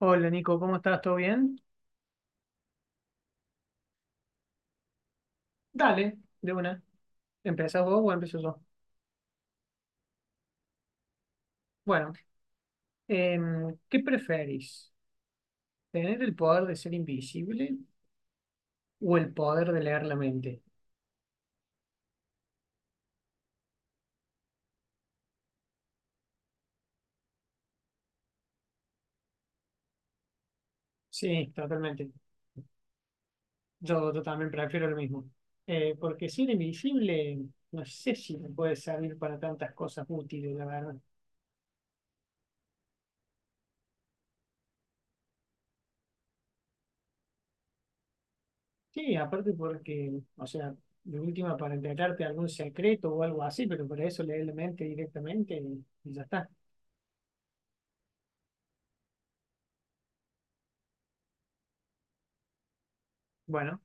Hola Nico, ¿cómo estás? ¿Todo bien? Dale, de una. ¿Empezás vos o empiezo yo? Bueno, ¿qué preferís? ¿Tener el poder de ser invisible o el poder de leer la mente? Sí, totalmente. Yo también prefiero lo mismo. Porque ser invisible, no sé si me puede servir para tantas cosas útiles, la verdad. Sí, aparte porque, o sea, de última para enterarte de algún secreto o algo así, pero para eso leer la mente directamente y ya está. Bueno,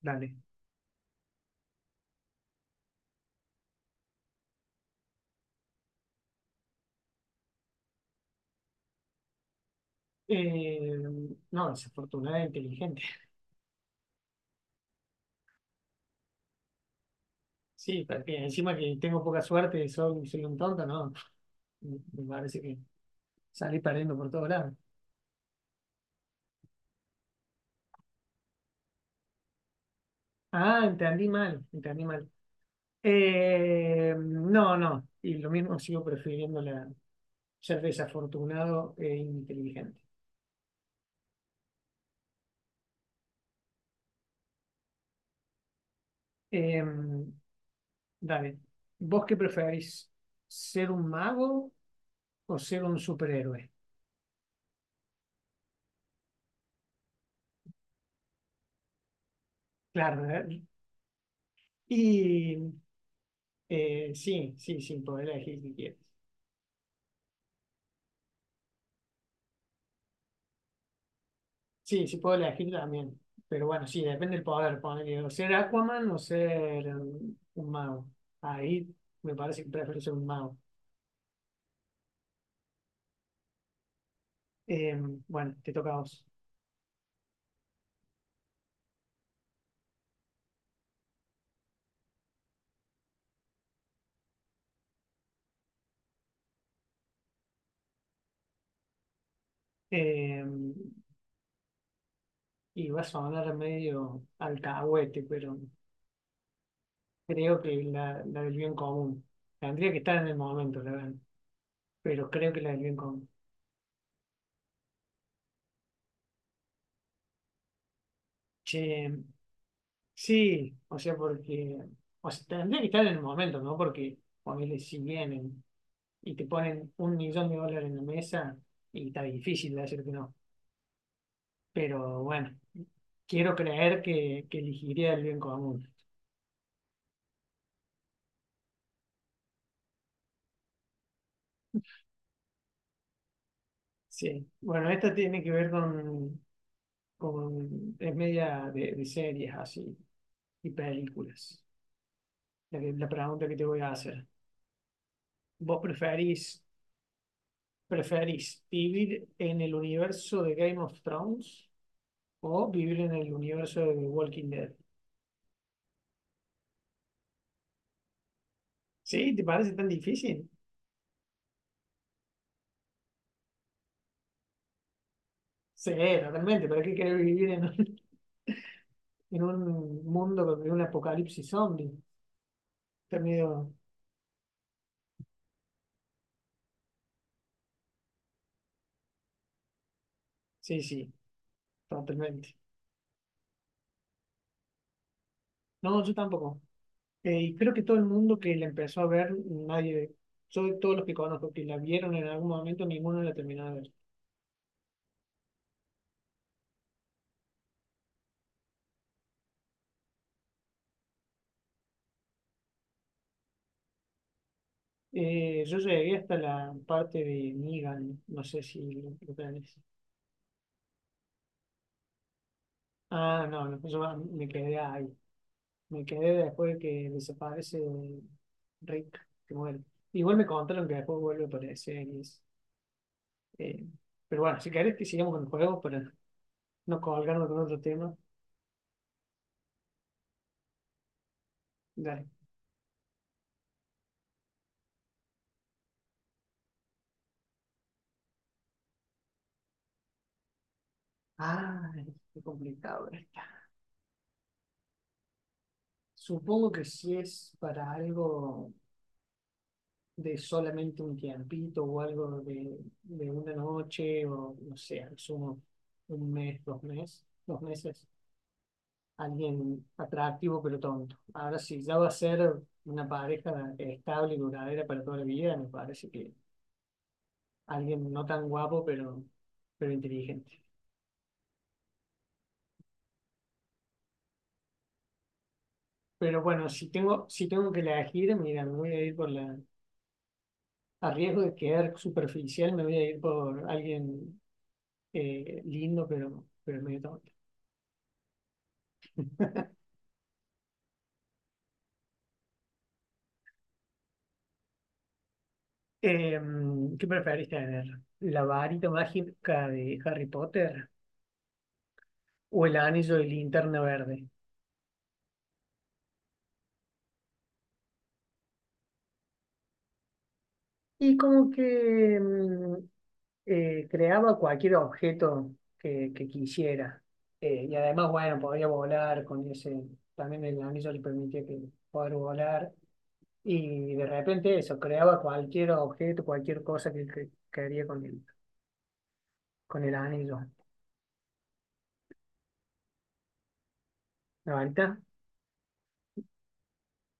dale. Eh, no, desafortunada e inteligente. Sí, también. Encima que tengo poca suerte, y soy un tonto, no. Me parece que salí perdiendo por todos lados. Ah, entendí mal, entendí mal. No, no. Y lo mismo sigo prefiriendo la, ser desafortunado e inteligente. Em, Dale. ¿Vos qué preferís? ¿Ser un mago o ser un superhéroe? Claro, ¿eh? Y sí, sí, sí, puedo elegir si quieres. Sí, sí puedo elegir también. Pero bueno, sí, depende del poder. Poner, o ser Aquaman o ser un mago. Ahí me parece que prefiero ser un mago. Eh, bueno, te toca a vos. Eh, y vas a sonar medio alcahuete, pero creo que la del bien común. Tendría que estar en el momento, la verdad. Pero creo que la del bien común. Che, sí, o sea, porque o sea, tendría que estar en el momento, ¿no? Porque ponele si vienen y te ponen un millón de dólares en la mesa y está difícil de decir que no. Pero bueno, quiero creer que elegiría el bien común. Sí, bueno, esta tiene que ver con es media de series así y películas. La, que- la pregunta que te voy a hacer. ¿Vos preferís vivir en el universo de Game of Thrones, o vivir en el universo de The Walking Dead? Sí, ¿te parece tan difícil? Sí, totalmente. ¿Para qué querés vivir en un, en un mundo de un apocalipsis zombie? Está medio- Sí, sí, totalmente. No, yo tampoco. Y creo que todo el mundo que la empezó a ver, nadie, yo de todos los que conozco que la vieron en algún momento, ninguno la terminó de ver. Yo llegué hasta la parte de Negan, no sé si lo tenés. Ah, no, no, yo me quedé ahí. Me quedé después de que desaparece Rick, que muere. Igual me contaron que después vuelve a aparecer. Eh, pero bueno, si querés que sigamos con el juego para no colgarnos con otro tema. Dale. Ay, qué complicado está. Supongo que si es para algo de solamente un tiempito o algo de una noche o no sé, al sumo un mes, dos meses, dos meses. Alguien atractivo pero tonto. Ahora, si ya va a ser una pareja estable y duradera para toda la vida, me parece que alguien no tan guapo pero inteligente. Pero bueno, si tengo que elegir, mira, me voy a ir por la. A riesgo de quedar superficial, me voy a ir por alguien lindo pero medio tonto. ¿Qué preferís tener? ¿La varita mágica de Harry Potter o el anillo de linterna verde? Y como que creaba cualquier objeto que quisiera. Y además, bueno, podía volar con ese, también el anillo le permitía que poder volar. Y de repente eso, creaba cualquier objeto, cualquier cosa que quería con el anillo. Ahorita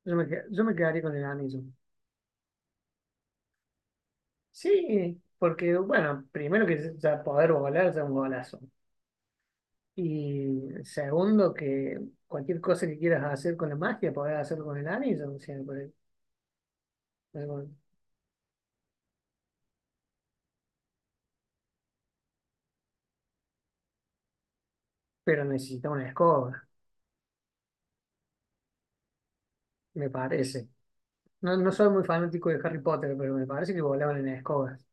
yo me quedaría con el anillo. Sí, porque bueno, primero que ya poder volar ya es un golazo. Y segundo, que cualquier cosa que quieras hacer con la magia, podés hacerlo con el anillo, o sea, algo- pero necesita una escoba, me parece. No, no soy muy fanático de Harry Potter, pero me parece que volaban en escobas.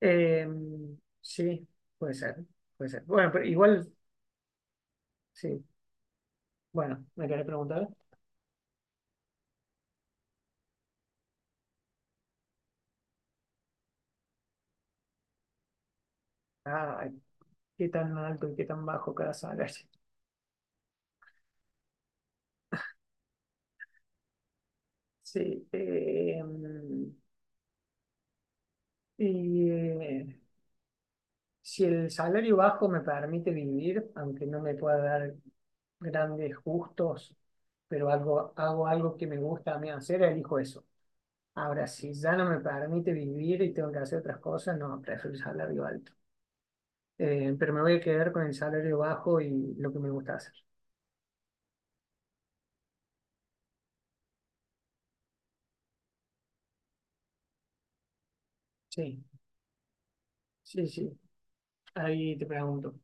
Eh, sí, puede ser, puede ser. Bueno, pero igual, sí. Bueno, me querés preguntar, ah, ¿qué tan alto y qué tan bajo cada salario? Sí, y si el salario bajo me permite vivir, aunque no me pueda dar grandes gustos, pero algo, hago algo que me gusta a mí hacer, elijo eso. Ahora, si ya no me permite vivir y tengo que hacer otras cosas, no, prefiero el salario alto. Pero me voy a quedar con el salario bajo y lo que me gusta hacer. Sí, sí, sí. Ahí te pregunto.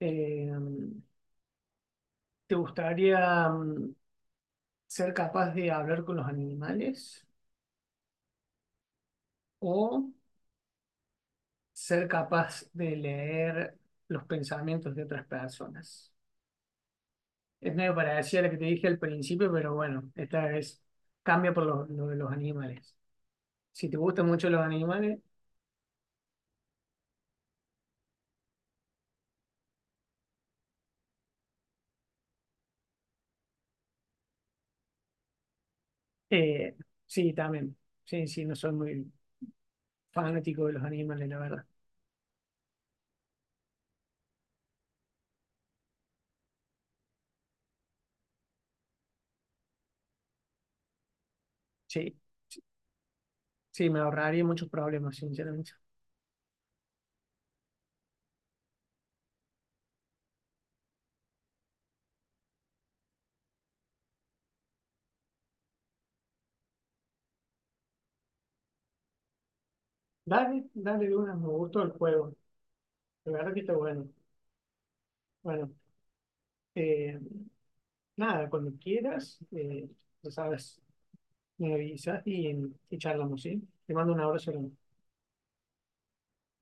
eh, ¿Te gustaría ser capaz de hablar con los animales o ser capaz de leer los pensamientos de otras personas? Es medio parecida a la que te dije al principio, pero bueno, esta es cambia por lo de los animales. Si te gustan mucho los animales, eh, sí, también. Sí, sí, no soy muy fanático de los animales, la verdad. Sí, sí, me ahorraría muchos problemas, sinceramente. Dale, dale de una, me gustó el juego. La verdad que está bueno. Bueno, eh, nada, cuando quieras, ya sabes, me avisas y charlamos, ¿sí? Te mando un abrazo.